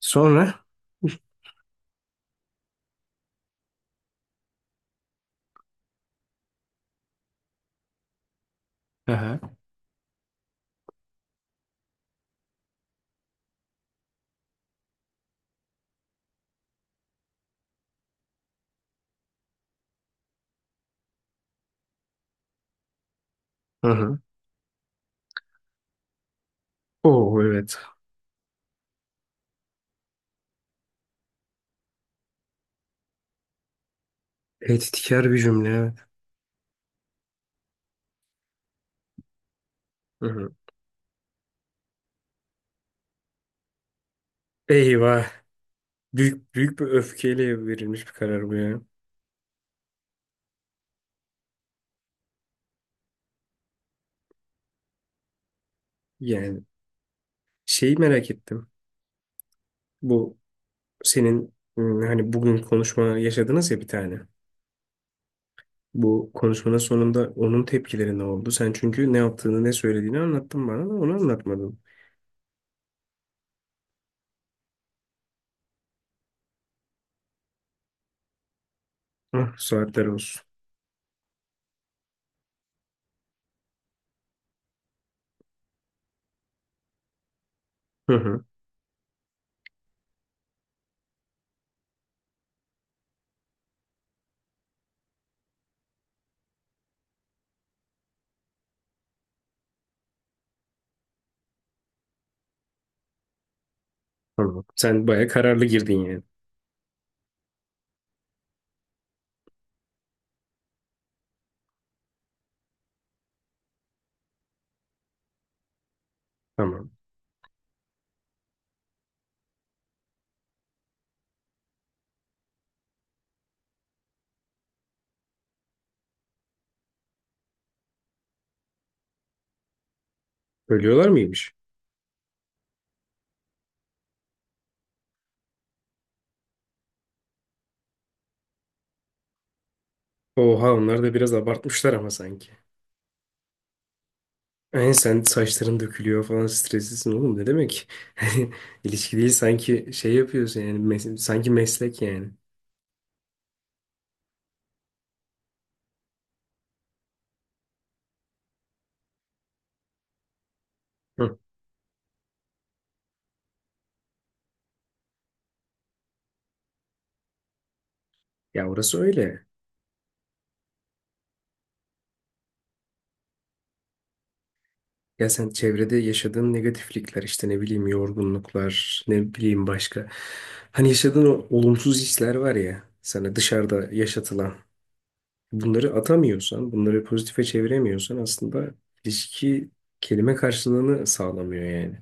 Sonra? Aha. Hı hı. Hı. Oo evet. Tehditkar bir cümle. Evet. Hı hı. Eyvah. Büyük, büyük bir öfkeyle verilmiş bir karar bu ya. Yani şeyi merak ettim. Bu senin hani bugün konuşma yaşadınız ya bir tane. Bu konuşmanın sonunda onun tepkileri ne oldu? Sen çünkü ne yaptığını ne söylediğini anlattın bana da onu anlatmadın. Ah, saatler olsun. Hı hı. Tamam. Sen baya kararlı girdin yani. Tamam. Ölüyorlar mıymış? Oha onlar da biraz abartmışlar ama sanki. Yani sen saçların dökülüyor falan streslisin oğlum ne demek? İlişki değil sanki şey yapıyorsun yani sanki meslek yani. Hı. Ya orası öyle. Ya sen çevrede yaşadığın negatiflikler işte ne bileyim yorgunluklar ne bileyim başka. Hani yaşadığın o olumsuz hisler var ya sana dışarıda yaşatılan. Bunları atamıyorsan bunları pozitife çeviremiyorsan aslında ilişki kelime karşılığını sağlamıyor yani.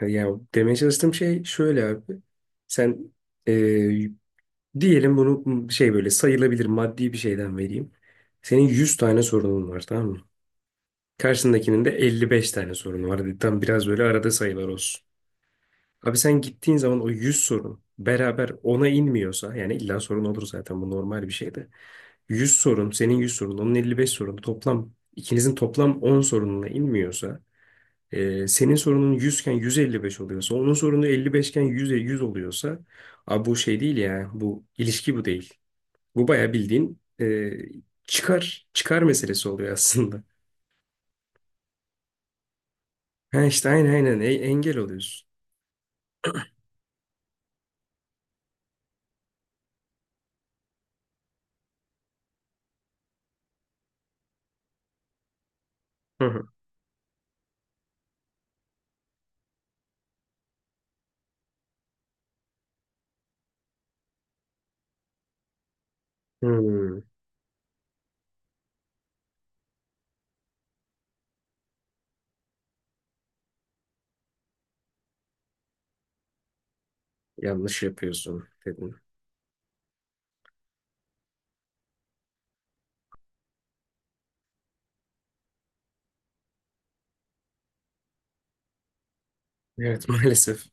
E, yani demeye çalıştığım şey şöyle abi. Sen e, diyelim bunu şey böyle sayılabilir maddi bir şeyden vereyim. Senin 100 tane sorunun var tamam mı? Karşındakinin de 55 tane sorunu var. Hadi tam biraz böyle arada sayılar olsun. Abi sen gittiğin zaman o 100 sorun beraber ona inmiyorsa yani illa sorun olur zaten bu normal bir şey de. 100 sorun senin 100 sorun onun 55 sorunu toplam ikinizin toplam 10 sorununa inmiyorsa senin sorunun 100 iken 155 oluyorsa, onun sorunu 55 iken 100'e 100 oluyorsa, abi bu şey değil ya, bu ilişki bu değil. Bu bayağı bildiğin çıkar, çıkar meselesi oluyor aslında. Ha işte aynen aynen engel oluyorsun. Hı hı. Hmm, yanlış yapıyorsun dedin. Evet maalesef.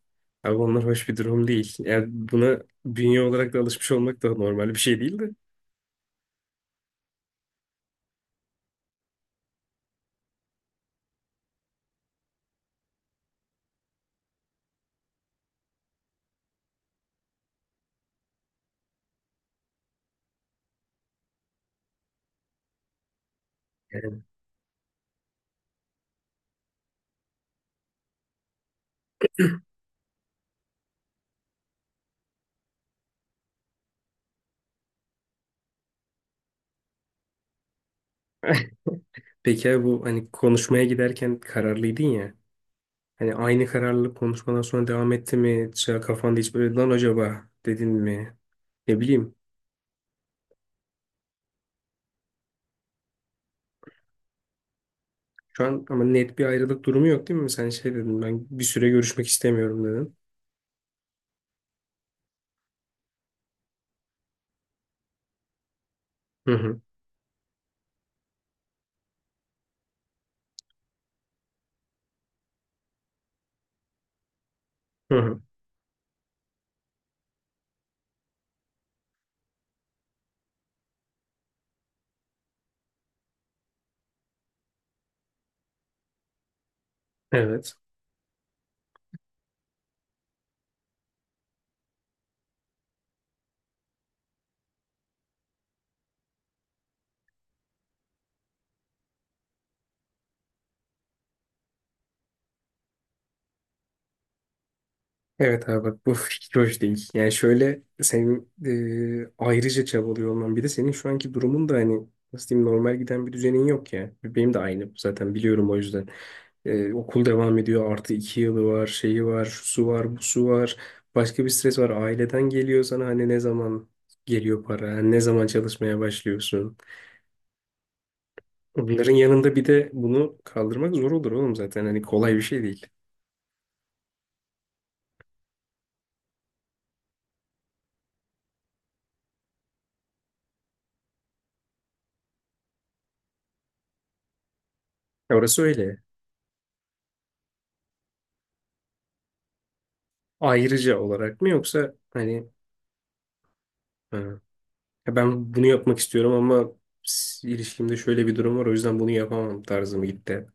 Abi onlar hoş bir durum değil. Yani buna bünye olarak da alışmış olmak da normal bir şey değil de. Yani. Peki abi bu hani konuşmaya giderken kararlıydın ya. Hani aynı kararlılık konuşmadan sonra devam etti mi? Mesela kafanda hiç böyle lan acaba dedin mi? Ne bileyim. Şu an ama net bir ayrılık durumu yok değil mi? Sen şey dedin ben bir süre görüşmek istemiyorum dedin. Hı hı. Hı hı. Evet. Evet abi bak bu fikir hoş değil. Yani şöyle senin ayrıca çabalıyor olman bir de senin şu anki durumun da hani nasıl diyeyim normal giden bir düzenin yok ya. Benim de aynı zaten biliyorum o yüzden. Okul devam ediyor. Artı 2 yılı var, şeyi var, şusu var, busu var. Başka bir stres var. Aileden geliyor sana hani ne zaman geliyor para, hani ne zaman çalışmaya başlıyorsun. Bunların yanında bir de bunu kaldırmak zor olur oğlum zaten. Hani kolay bir şey değil. Ya orası öyle. Ayrıca olarak mı yoksa hani ha, ya ben bunu yapmak istiyorum ama ilişkimde şöyle bir durum var o yüzden bunu yapamam tarzı mı gitti?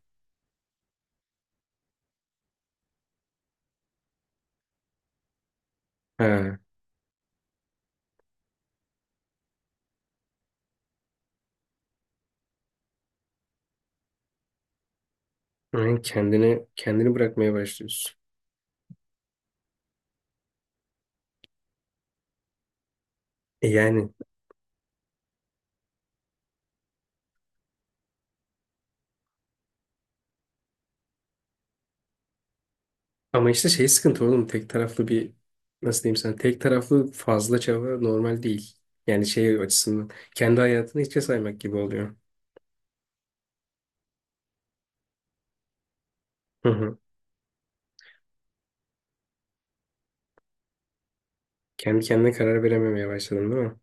Ha, yani kendini bırakmaya başlıyorsun. E, yani. Ama işte şey sıkıntı oğlum tek taraflı bir nasıl diyeyim sana tek taraflı fazla çaba normal değil. Yani şey açısından kendi hayatını hiçe saymak gibi oluyor. Hı hı. Kendi kendine karar verememeye başladım değil mi?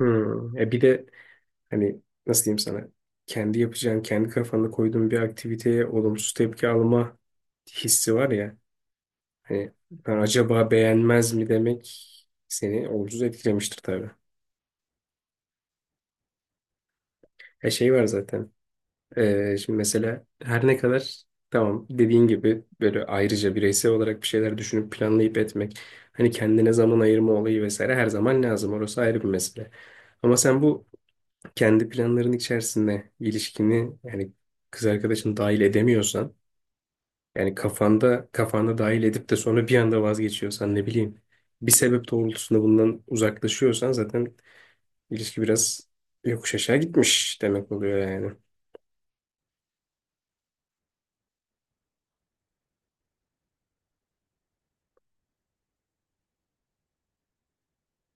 Hı. E, bir de hani nasıl diyeyim sana kendi yapacağın kendi kafanda koyduğun bir aktiviteye olumsuz tepki alma hissi var ya hani ben acaba beğenmez mi demek seni olumsuz etkilemiştir tabii. E, şey var zaten. Şimdi mesela her ne kadar tamam dediğin gibi böyle ayrıca bireysel olarak bir şeyler düşünüp planlayıp etmek hani kendine zaman ayırma olayı vesaire her zaman lazım orası ayrı bir mesele. Ama sen bu kendi planların içerisinde ilişkini yani kız arkadaşını dahil edemiyorsan yani kafanda dahil edip de sonra bir anda vazgeçiyorsan ne bileyim bir sebep doğrultusunda bundan uzaklaşıyorsan zaten ilişki biraz yokuş aşağı gitmiş demek oluyor yani.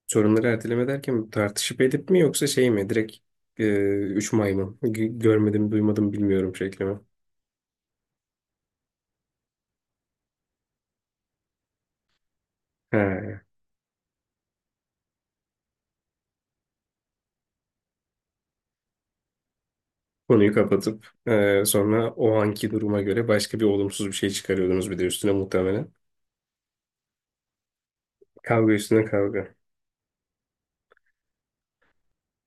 Sorunları erteleme derken tartışıp edip mi yoksa şey mi? Direkt e, üç maymun. Görmedim, duymadım, bilmiyorum şekli. He. Konuyu kapatıp sonra o anki duruma göre başka bir olumsuz bir şey çıkarıyordunuz bir de üstüne muhtemelen. Kavga üstüne kavga.